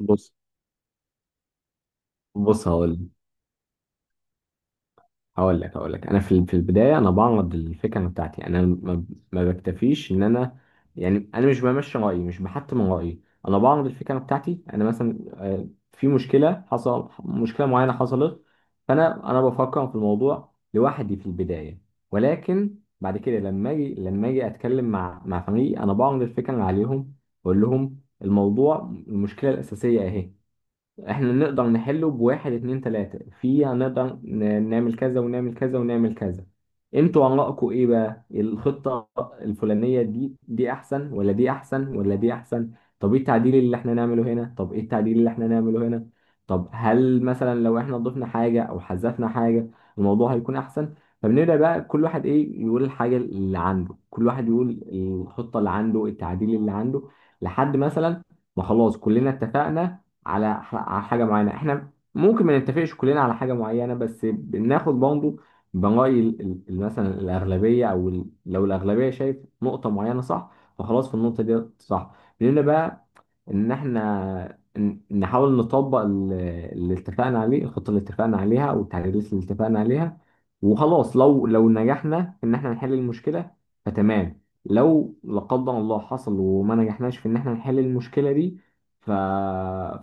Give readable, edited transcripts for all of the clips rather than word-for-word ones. بص بص. هقول لك. انا في البدايه انا بعرض الفكره بتاعتي. انا ما بكتفيش ان انا، يعني انا مش بمشي رايي، مش بحتم رايي. انا بعرض الفكره بتاعتي انا، مثلا في مشكله، مشكله معينه حصلت، فانا بفكر في الموضوع لوحدي في البدايه. ولكن بعد كده لما اجي، اتكلم مع فريقي، انا بعرض الفكره عليهم. بقول لهم الموضوع، المشكله الاساسيه اهي. احنا نقدر نحله بواحد اتنين تلاتة. في هنقدر نعمل كذا ونعمل كذا ونعمل كذا. انتوا آرائكم ايه بقى؟ الخطة الفلانية دي احسن ولا دي احسن ولا دي احسن؟ طب ايه التعديل اللي احنا نعمله هنا؟ طب ايه التعديل اللي احنا نعمله هنا؟ طب هل مثلا لو احنا ضفنا حاجة او حذفنا حاجة الموضوع هيكون احسن؟ فبنبدأ بقى كل واحد ايه يقول الحاجة اللي عنده، كل واحد يقول الخطة اللي عنده، التعديل اللي عنده، لحد مثلا ما خلاص كلنا اتفقنا على على حاجه معينه. احنا ممكن ما نتفقش كلنا على حاجه معينه، بس بناخد برضه بنراي مثلا الاغلبيه، او لو الاغلبيه شايف نقطه معينه صح، فخلاص في النقطه دي صح. بنبدا بقى ان احنا نحاول نطبق اللي اتفقنا عليه، الخطه اللي اتفقنا عليها، او التعديلات اللي اتفقنا عليها. وخلاص، لو نجحنا ان احنا نحل المشكله فتمام. لو لا قدر الله حصل وما نجحناش في ان احنا نحل المشكله دي، ف...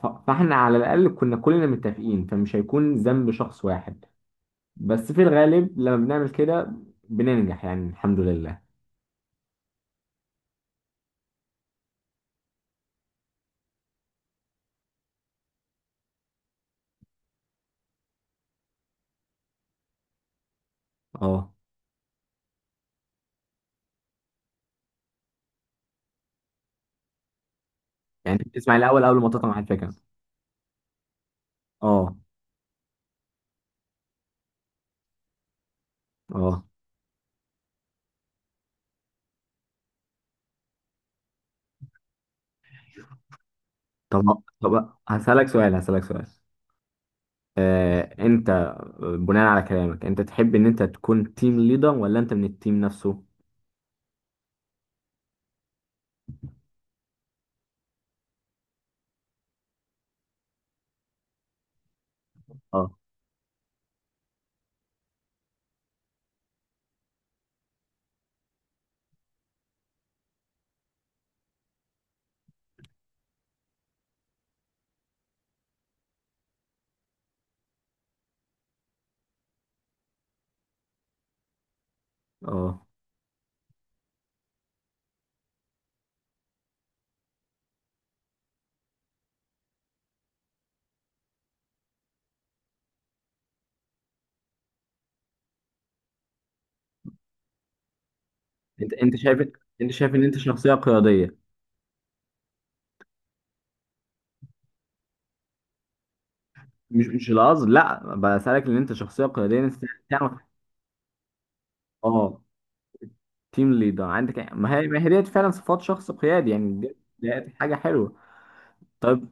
فاحنا على الاقل كنا كلنا متفقين، فمش هيكون ذنب شخص واحد. بس في الغالب لما بنعمل كده بننجح، يعني الحمد لله. اه. يعني انت بتسمع الاول قبل ما تطلع مع الفكره؟ اه. اه. طب هسألك سؤال. انت بناء على كلامك انت تحب ان انت تكون تيم ليدر ولا انت من التيم نفسه؟ اه. اه. انت انت شايف انت شايف ان انت شخصيه قياديه. مش القصد، لا، بسألك ان انت شخصيه قياديه انت تعمل. اه. تيم ليدر عندك يعني، ما هي ديت فعلا صفات شخص قيادي، يعني ديت حاجه حلوه. طيب،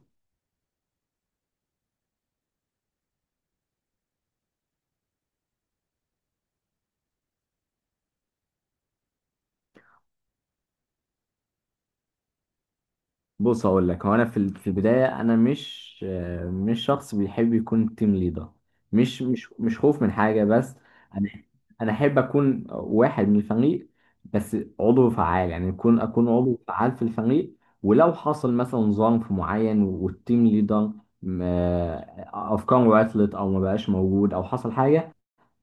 بص اقول لك، هو انا في في البدايه انا مش، مش شخص بيحب يكون تيم ليدر. مش خوف من حاجه، بس انا انا احب اكون واحد من الفريق، بس عضو فعال، يعني يكون اكون عضو فعال في الفريق. ولو حصل مثلا ظرف معين والتيم ليدر افكاره عطلت او ما بقاش موجود او حصل حاجه،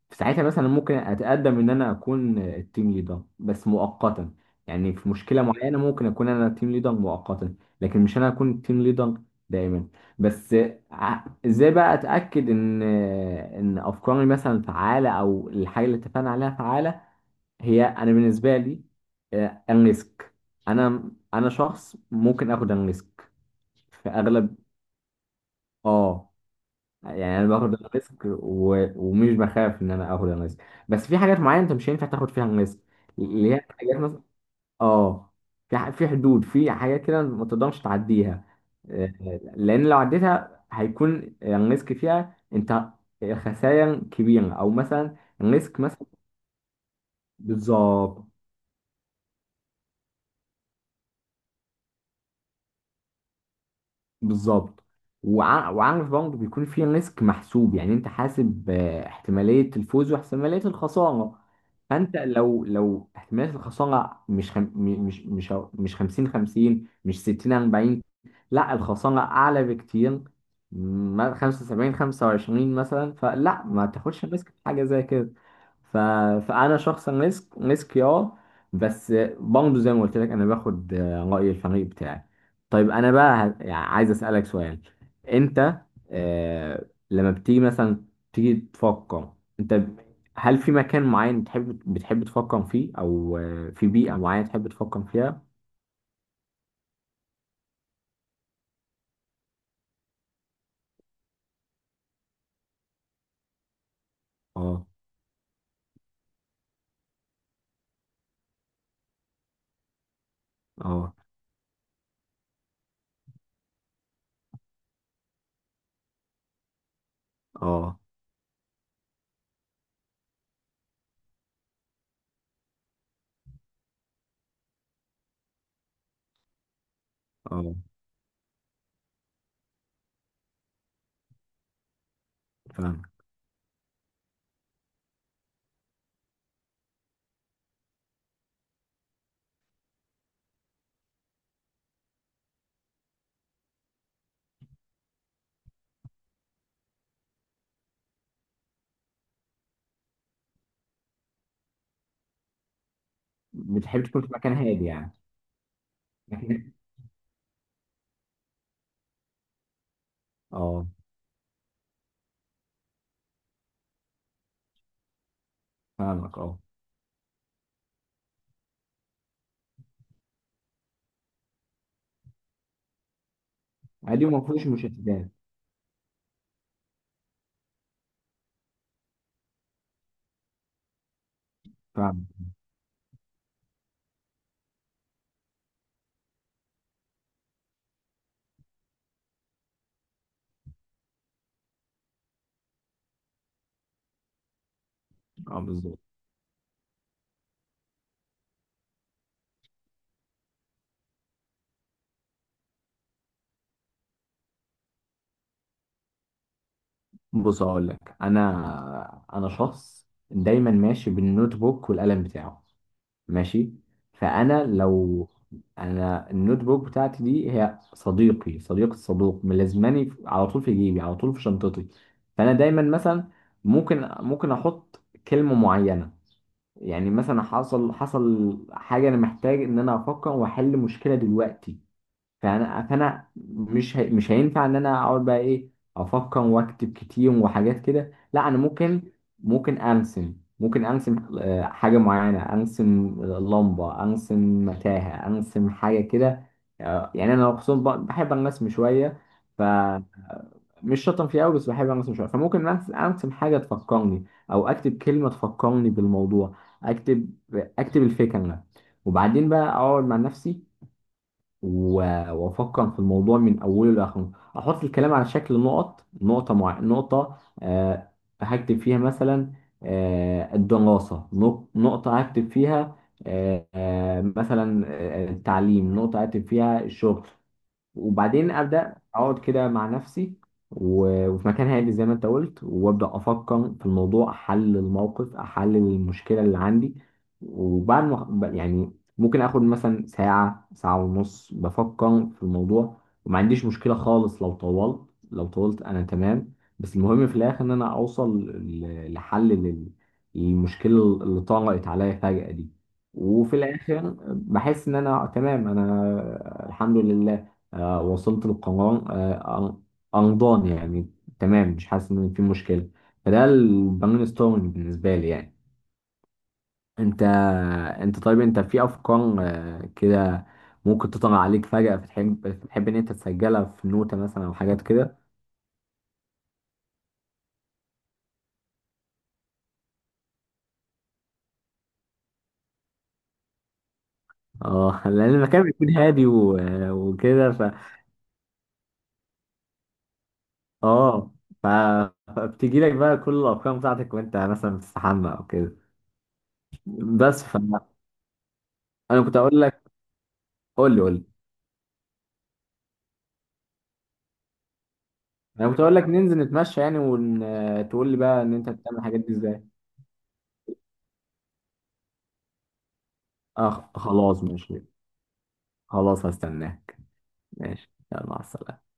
في ساعتها مثلا ممكن اتقدم ان انا اكون التيم ليدر بس مؤقتا. يعني في مشكله معينه ممكن اكون انا التيم ليدر مؤقتا، لكن مش انا اكون التيم ليدر دائما. بس ازاي بقى اتاكد ان افكاري مثلا فعاله، او الحاجه اللي اتفقنا عليها فعاله؟ هي انا بالنسبه لي، الريسك، انا شخص ممكن اخد الريسك في اغلب. اه. يعني انا باخد الريسك، ومش بخاف ان انا اخد الريسك. بس في حاجات معينه انت مش هينفع تاخد فيها الريسك، اللي هي حاجات مثلا. اه. في في حدود، في حاجات كده ما تقدرش تعديها، آه، لان لو عديتها هيكون الريسك فيها انت خسائر كبيره، او مثلا الريسك مثلا. بالظبط. بالظبط. وعارف برضه بيكون في ريسك محسوب، يعني انت حاسب احتمالية الفوز واحتمالية الخسارة. فانت لو احتمالية الخسارة مش مش 50 50، مش 60 40، لا، الخسارة اعلى بكتير، 75 25 مثلا، فلا ما تاخدش ريسك في حاجة زي كده. ف... فانا شخصا ريسك، اه. بس برضه زي ما قلت لك انا باخد رأي الفريق بتاعي. طيب انا بقى يعني عايز اسالك سؤال. انت، لما بتيجي مثلا تيجي تفكر، انت هل في مكان معين تحب بتحب تفكر فيه، او في بيئه معينه تحب تفكر فيها؟ اه. اه. اه. اه. فاهم. بتحب تكون في مكان هادي يعني. مكان- اه. فاهمك، اه. هادي وما فيهوش مشتتات. فاهم. اه، بالظبط. بص هقول لك، انا شخص دايما ماشي بالنوت بوك والقلم بتاعه، ماشي. فانا لو، انا النوت بوك بتاعتي دي هي صديقي، صديق الصدوق، ملازماني على طول في جيبي، على طول في شنطتي. فانا دايما مثلا ممكن، احط كلمه معينه. يعني مثلا حصل، حاجه انا محتاج ان انا افكر واحل مشكله دلوقتي. فانا مش مش هينفع ان انا اقعد بقى ايه، افكر واكتب كتير وحاجات كده، لا. انا ممكن، ارسم، حاجه معينه ارسم. لمبه، ارسم متاهه، ارسم حاجه كده. يعني انا خصوصا بحب الرسم شويه، فمش شاطر فيه قوي، بس بحب الرسم شويه، فممكن أرسم حاجه تفكرني، او اكتب كلمه تفكرني بالموضوع. اكتب، الفكره. وبعدين بقى اقعد مع نفسي وافكر في الموضوع من اوله لاخره. احط الكلام على شكل نقط، نقطه مع نقطه. آه هكتب فيها مثلا الدراسه، نقطه هكتب فيها مثلا التعليم، نقطه هكتب فيها الشغل. وبعدين ابدا اقعد كده مع نفسي، وفي مكان هادي زي ما انت قلت، وابدا افكر في الموضوع، احلل الموقف، احلل المشكله اللي عندي. وبعد ما يعني ممكن اخد مثلا ساعه، ساعه ونص بفكر في الموضوع، وما عنديش مشكله خالص لو طولت. لو طولت انا تمام، بس المهم في الاخر ان انا اوصل لحل للمشكله اللي طرقت عليا فجاه دي. وفي الاخر بحس ان انا تمام، انا الحمد لله وصلت للقمران، أنضان يعني. تمام، مش حاسس إن في مشكلة. فده البرين ستورمنج بالنسبة لي يعني. أنت أنت طيب، أنت في أفكار كده ممكن تطلع عليك فجأة، فتحب، إن أنت تسجلها في نوتة مثلا أو حاجات كده؟ أه. لأن المكان بيكون هادي وكده أه. ف... فبتجي لك بقى كل الأفكار بتاعتك وأنت مثلا بتستحمى أو كده. بس فأنا كنت أقول لك. قول لي. انا كنت اقول لك ننزل نتمشى يعني، وتقول لي بقى ان انت بتعمل الحاجات دي ازاي. اه خلاص ماشي. خلاص هستناك. ماشي، يلا مع السلامة.